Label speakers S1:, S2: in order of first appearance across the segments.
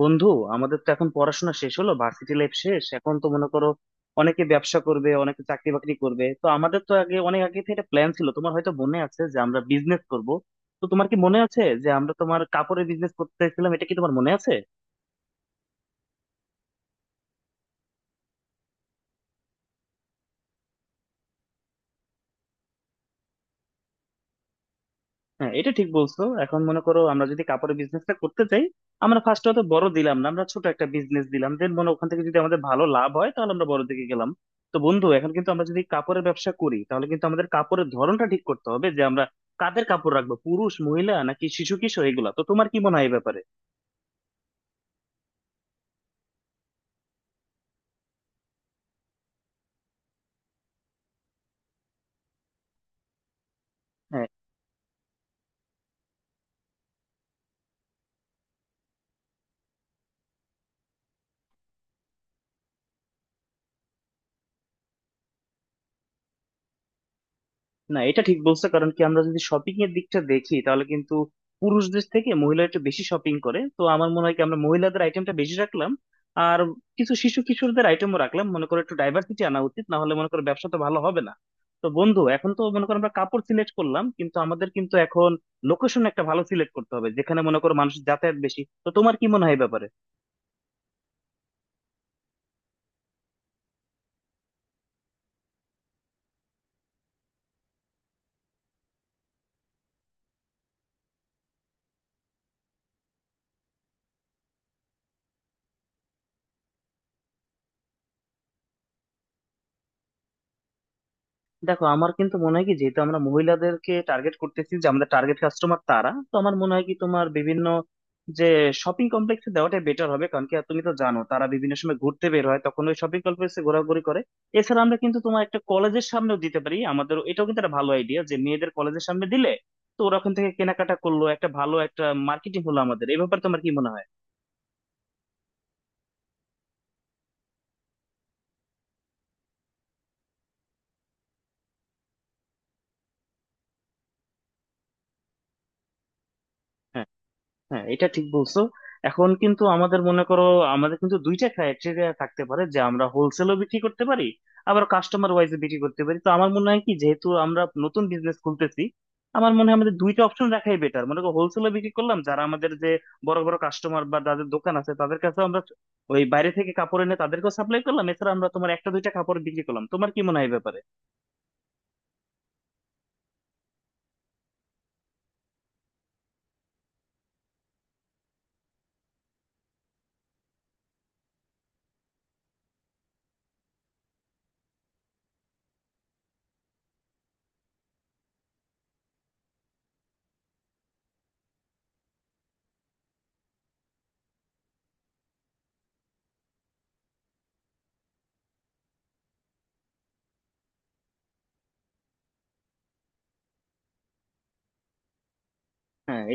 S1: বন্ধু, আমাদের তো এখন পড়াশোনা শেষ হলো, ভার্সিটি লাইফ শেষ। এখন তো মনে করো অনেকে ব্যবসা করবে, অনেকে চাকরি বাকরি করবে। তো আমাদের তো আগে, অনেক আগে থেকে একটা প্ল্যান ছিল, তোমার হয়তো মনে আছে যে আমরা বিজনেস করব। তো তোমার কি মনে আছে যে আমরা তোমার কাপড়ের বিজনেস করতেছিলাম, এটা কি তোমার মনে আছে? হ্যাঁ, এটা ঠিক বলছো। এখন মনে করো আমরা যদি কাপড়ের বিজনেসটা করতে চাই, আমরা ফার্স্ট অত বড় দিলাম না, আমরা ছোট একটা বিজনেস দিলাম, দেন মনে ওখান থেকে যদি আমাদের ভালো লাভ হয় তাহলে আমরা বড় দিকে গেলাম। তো বন্ধু, এখন কিন্তু আমরা যদি কাপড়ের ব্যবসা করি তাহলে কিন্তু আমাদের কাপড়ের ধরনটা ঠিক করতে হবে, যে আমরা কাদের কাপড় রাখবো, পুরুষ, মহিলা নাকি শিশু কিশোর, এগুলা তো। তোমার কি মনে হয় এই ব্যাপারে? না, এটা ঠিক বলছো। কারণ কি, আমরা যদি শপিং এর দিকটা দেখি তাহলে কিন্তু পুরুষদের থেকে মহিলারা একটু বেশি শপিং করে। তো আমার মনে হয় কি, আমরা মহিলাদের আইটেমটা বেশি রাখলাম, আর কিছু শিশু কিশোরদের আইটেমও রাখলাম, মনে করো একটু ডাইভার্সিটি আনা উচিত, না হলে মনে করো ব্যবসা তো ভালো হবে না। তো বন্ধু, এখন তো মনে করো আমরা কাপড় সিলেক্ট করলাম, কিন্তু আমাদের কিন্তু এখন লোকেশন একটা ভালো সিলেক্ট করতে হবে, যেখানে মনে করো মানুষ যাতায়াত বেশি। তো তোমার কি মনে হয় এই ব্যাপারে? দেখো, আমার কিন্তু মনে হয় কি, যেহেতু আমরা মহিলাদেরকে টার্গেট করতেছি, যে আমাদের টার্গেট কাস্টমার তারা, তো আমার মনে হয় কি তোমার বিভিন্ন যে শপিং কমপ্লেক্সে দেওয়াটা বেটার হবে। কারণ কি, আর তুমি তো জানো তারা বিভিন্ন সময় ঘুরতে বের হয়, তখন ওই শপিং কমপ্লেক্সে ঘোরাঘুরি করে। এছাড়া আমরা কিন্তু তোমার একটা কলেজের সামনেও দিতে পারি আমাদের, এটাও কিন্তু একটা ভালো আইডিয়া যে মেয়েদের কলেজের সামনে দিলে তো ওরা ওখান থেকে কেনাকাটা করলো, একটা ভালো একটা মার্কেটিং হলো আমাদের। এই ব্যাপারে তোমার কি মনে হয়? হ্যাঁ। হ্যাঁ, এটা ঠিক বলছো। এখন কিন্তু আমাদের মনে করো, আমাদের কিন্তু দুইটা ক্রাইটেরিয়া থাকতে পারে, যে আমরা হোলসেলও বিক্রি করতে পারি, আবার কাস্টমার ওয়াইজে বিক্রি করতে পারি। তো আমার মনে হয় কি, যেহেতু আমরা নতুন বিজনেস খুলতেছি, আমার মনে হয় আমাদের দুইটা অপশন রাখাই বেটার। মনে করো হোলসেলও বিক্রি করলাম, যারা আমাদের যে বড় বড় কাস্টমার বা যাদের দোকান আছে তাদের কাছে আমরা ওই বাইরে থেকে কাপড় এনে তাদেরকেও সাপ্লাই করলাম, এছাড়া আমরা তোমার একটা দুইটা কাপড় বিক্রি করলাম। তোমার কি মনে হয় এই ব্যাপারে? হ্যাঁ।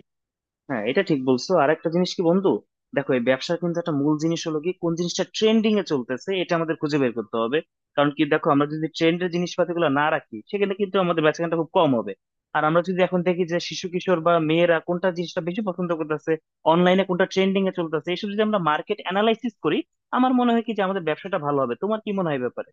S1: হ্যাঁ, এটা ঠিক বলছো। আর একটা জিনিস কি বন্ধু, দেখো এই ব্যবসার কিন্তু একটা মূল জিনিস হলো কি, কোন জিনিসটা ট্রেন্ডিং এ চলতেছে এটা আমাদের খুঁজে বের করতে হবে। কারণ কি, দেখো আমরা যদি ট্রেন্ডের জিনিসপাতি গুলো না রাখি, সেখানে কিন্তু আমাদের বেচাকেনাটা খুব কম হবে। আর আমরা যদি এখন দেখি যে শিশু কিশোর বা মেয়েরা কোনটা জিনিসটা বেশি পছন্দ করতেছে, অনলাইনে কোনটা ট্রেন্ডিং এ চলতেছে, এইসব যদি আমরা মার্কেট অ্যানালাইসিস করি, আমার মনে হয় কি যে আমাদের ব্যবসাটা ভালো হবে। তোমার কি মনে হয় এই ব্যাপারে?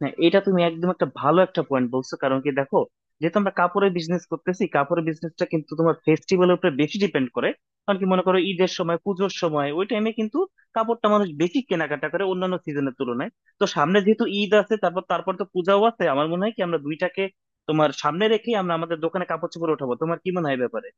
S1: হ্যাঁ, এটা তুমি একদম একটা ভালো একটা পয়েন্ট বলছো। কারণ কি, দেখো যেহেতু আমরা কাপড়ের বিজনেস করতেছি, কাপড়ের বিজনেসটা কিন্তু তোমার ফেস্টিভ্যালের উপরে বেশি ডিপেন্ড করে। কারণ কি, মনে করো ঈদের সময়, পুজোর সময়, ওই টাইমে কিন্তু কাপড়টা মানুষ বেশি কেনাকাটা করে অন্যান্য সিজনের তুলনায়। তো সামনে যেহেতু ঈদ আছে, তারপর তারপর তো পূজাও আছে, আমার মনে হয় কি আমরা দুইটাকে তোমার সামনে রেখে আমরা আমাদের দোকানে কাপড় চোপড় উঠাবো। তোমার কি মনে হয় এ ব্যাপারে?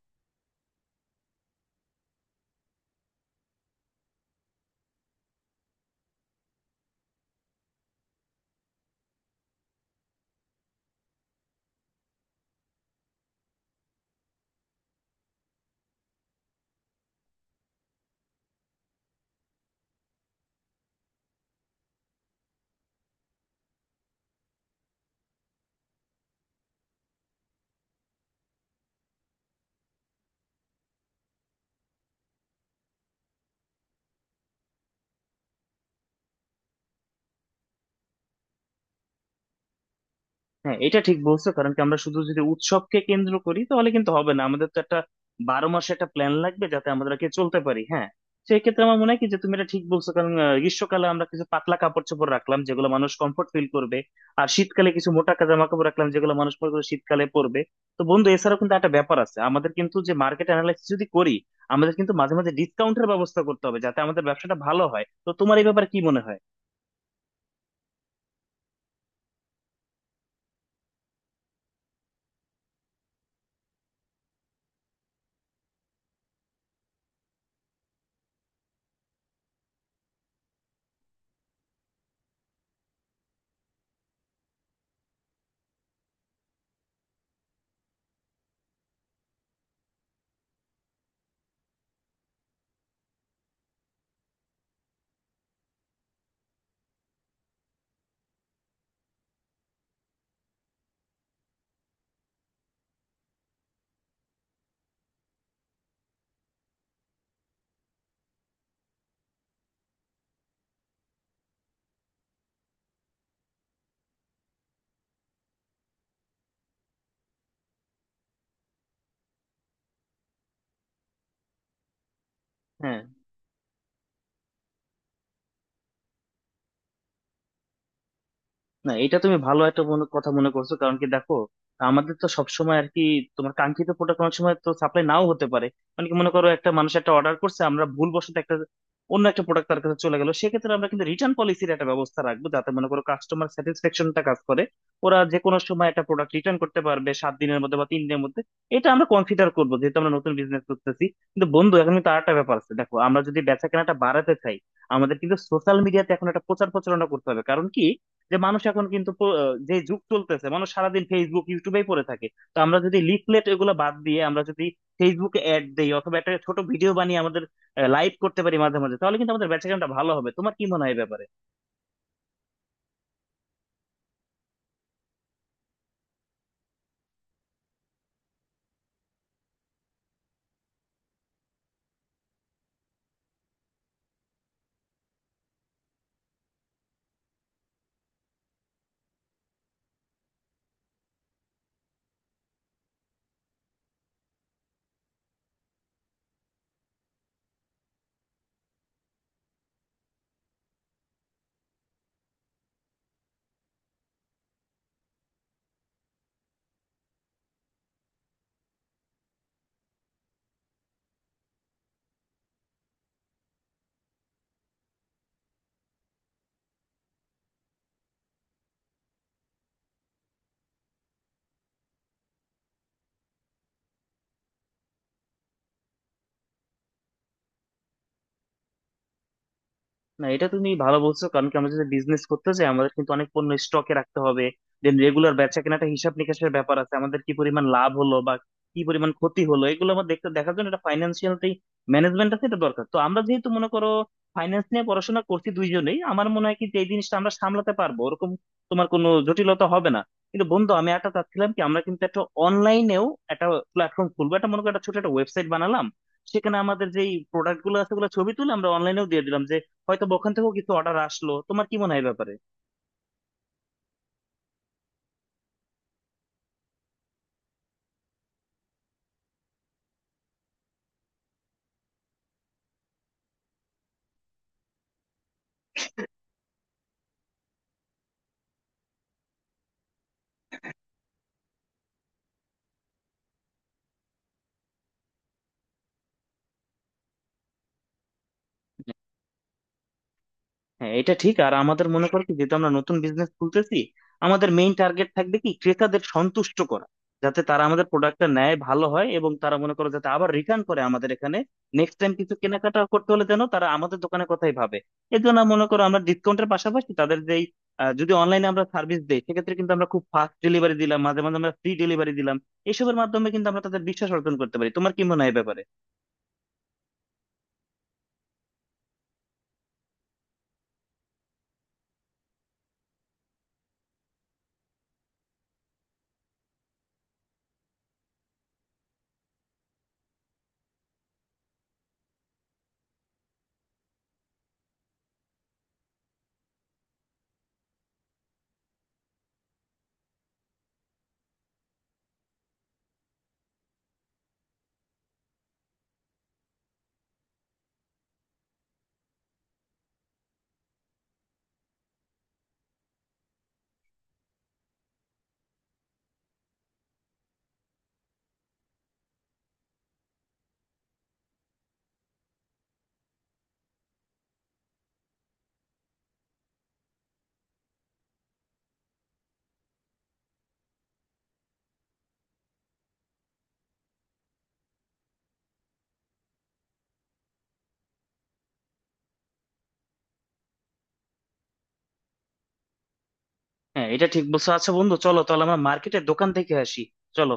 S1: হ্যাঁ, এটা ঠিক বলছো। কারণ কি, আমরা শুধু যদি উৎসবকে কেন্দ্র করি তাহলে কিন্তু হবে না, আমাদের তো একটা 12 মাসে একটা প্ল্যান লাগবে যাতে আমাদেরকে চলতে পারি। হ্যাঁ, সেই ক্ষেত্রে আমার মনে হয় কি যে তুমি এটা ঠিক বলছো। কারণ গ্রীষ্মকালে আমরা কিছু পাতলা কাপড় চোপড় রাখলাম যেগুলো মানুষ কমফোর্ট ফিল করবে, আর শীতকালে কিছু মোটা জামা কাপড় রাখলাম যেগুলো মানুষ পরে করে শীতকালে পরবে। তো বন্ধু, এছাড়াও কিন্তু একটা ব্যাপার আছে, আমাদের কিন্তু যে মার্কেট অ্যানালাইসিস যদি করি, আমাদের কিন্তু মাঝে মাঝে ডিসকাউন্টের ব্যবস্থা করতে হবে যাতে আমাদের ব্যবসাটা ভালো হয়। তো তোমার এই ব্যাপারে কি মনে হয়? হ্যাঁ, না এটা তুমি ভালো একটা কথা মনে করছো। কারণ কি, দেখো আমাদের তো সবসময় আর কি, তোমার কাঙ্ক্ষিত প্রোডাক্ট অনেক সময় তো সাপ্লাই নাও হতে পারে। মানে কি, মনে করো একটা মানুষ একটা অর্ডার করছে, আমরা ভুলবশত একটা অন্য একটা প্রোডাক্ট তার কাছে চলে গেল, সেক্ষেত্রে আমরা কিন্তু রিটার্ন পলিসির একটা ব্যবস্থা রাখবো যাতে মনে করো কাস্টমার স্যাটিসফ্যাকশনটা কাজ করে। ওরা যে কোনো সময় একটা প্রোডাক্ট রিটার্ন করতে পারবে 7 দিনের মধ্যে বা 3 দিনের মধ্যে, এটা আমরা কনসিডার করবো, যেহেতু আমরা নতুন বিজনেস করতেছি। কিন্তু বন্ধু এখন কিন্তু আরেকটা ব্যাপার আছে, দেখো আমরা যদি বেচা কেনাটা বাড়াতে চাই, আমাদের কিন্তু সোশ্যাল মিডিয়াতে এখন একটা প্রচার প্রচারণা করতে হবে। কারণ কি, যে মানুষ এখন কিন্তু যে যুগ চলতেছে, মানুষ সারাদিন ফেসবুক ইউটিউবেই পড়ে থাকে। তো আমরা যদি লিফলেট এগুলো বাদ দিয়ে আমরা যদি ফেসবুকে অ্যাড দেই, অথবা একটা ছোট ভিডিও বানিয়ে আমাদের লাইভ করতে পারি মাঝে মাঝে, তাহলে কিন্তু আমাদের বেচাকেনাটা ভালো হবে। তোমার কি মনে হয় এই ব্যাপারে? না এটা তুমি ভালো বলছো। কারণ কি, আমরা যদি বিজনেস করতে চাই আমাদের কিন্তু অনেক পণ্য স্টকে রাখতে হবে, দেন রেগুলার বেচা কেনাটা হিসাব নিকাশের ব্যাপার আছে, আমাদের কি পরিমাণ লাভ হলো বা কি পরিমাণ ক্ষতি হলো এগুলো আমার দেখার জন্য এটা ফাইন্যান্সিয়াল ম্যানেজমেন্ট আছে, এটা দরকার। তো আমরা যেহেতু মনে করো ফাইন্যান্স নিয়ে পড়াশোনা করছি দুইজনেই, আমার মনে হয় কি যে এই জিনিসটা আমরা সামলাতে পারবো ওরকম তোমার কোনো জটিলতা হবে না। কিন্তু বন্ধু, আমি একটা চাচ্ছিলাম কি, আমরা কিন্তু একটা অনলাইনেও একটা প্ল্যাটফর্ম খুলবো। একটা মনে করো একটা ছোট একটা ওয়েবসাইট বানালাম, সেখানে আমাদের যেই প্রোডাক্ট গুলো আছে ওগুলো ছবি তুলে আমরা অনলাইনেও দিয়ে দিলাম, যে হয়তো বা ওখান থেকেও কিছু অর্ডার আসলো। তোমার কি মনে হয় এই ব্যাপারে? হ্যাঁ, এটা ঠিক। আর আমাদের মনে করো কি যেহেতু আমরা নতুন বিজনেস খুলতেছি, আমাদের মেইন টার্গেট থাকবে কি ক্রেতাদের সন্তুষ্ট করা, যাতে তারা আমাদের প্রোডাক্টটা নেয় ভালো হয়, এবং তারা মনে করো যাতে আবার রিটার্ন করে আমাদের এখানে নেক্সট টাইম কিছু কেনাকাটা করতে হলে যেন তারা আমাদের দোকানের কথাই ভাবে। এর জন্য মনে করো আমরা ডিসকাউন্টের পাশাপাশি তাদের যেই যদি অনলাইনে আমরা সার্ভিস দেই সেক্ষেত্রে কিন্তু আমরা খুব ফাস্ট ডেলিভারি দিলাম, মাঝে মাঝে আমরা ফ্রি ডেলিভারি দিলাম, এসবের মাধ্যমে কিন্তু আমরা তাদের বিশ্বাস অর্জন করতে পারি। তোমার কি মনে হয় এই ব্যাপারে? হ্যাঁ, এটা ঠিক বলছো। আচ্ছা বন্ধু, চলো তাহলে আমরা মার্কেটের দোকান থেকে আসি। চলো।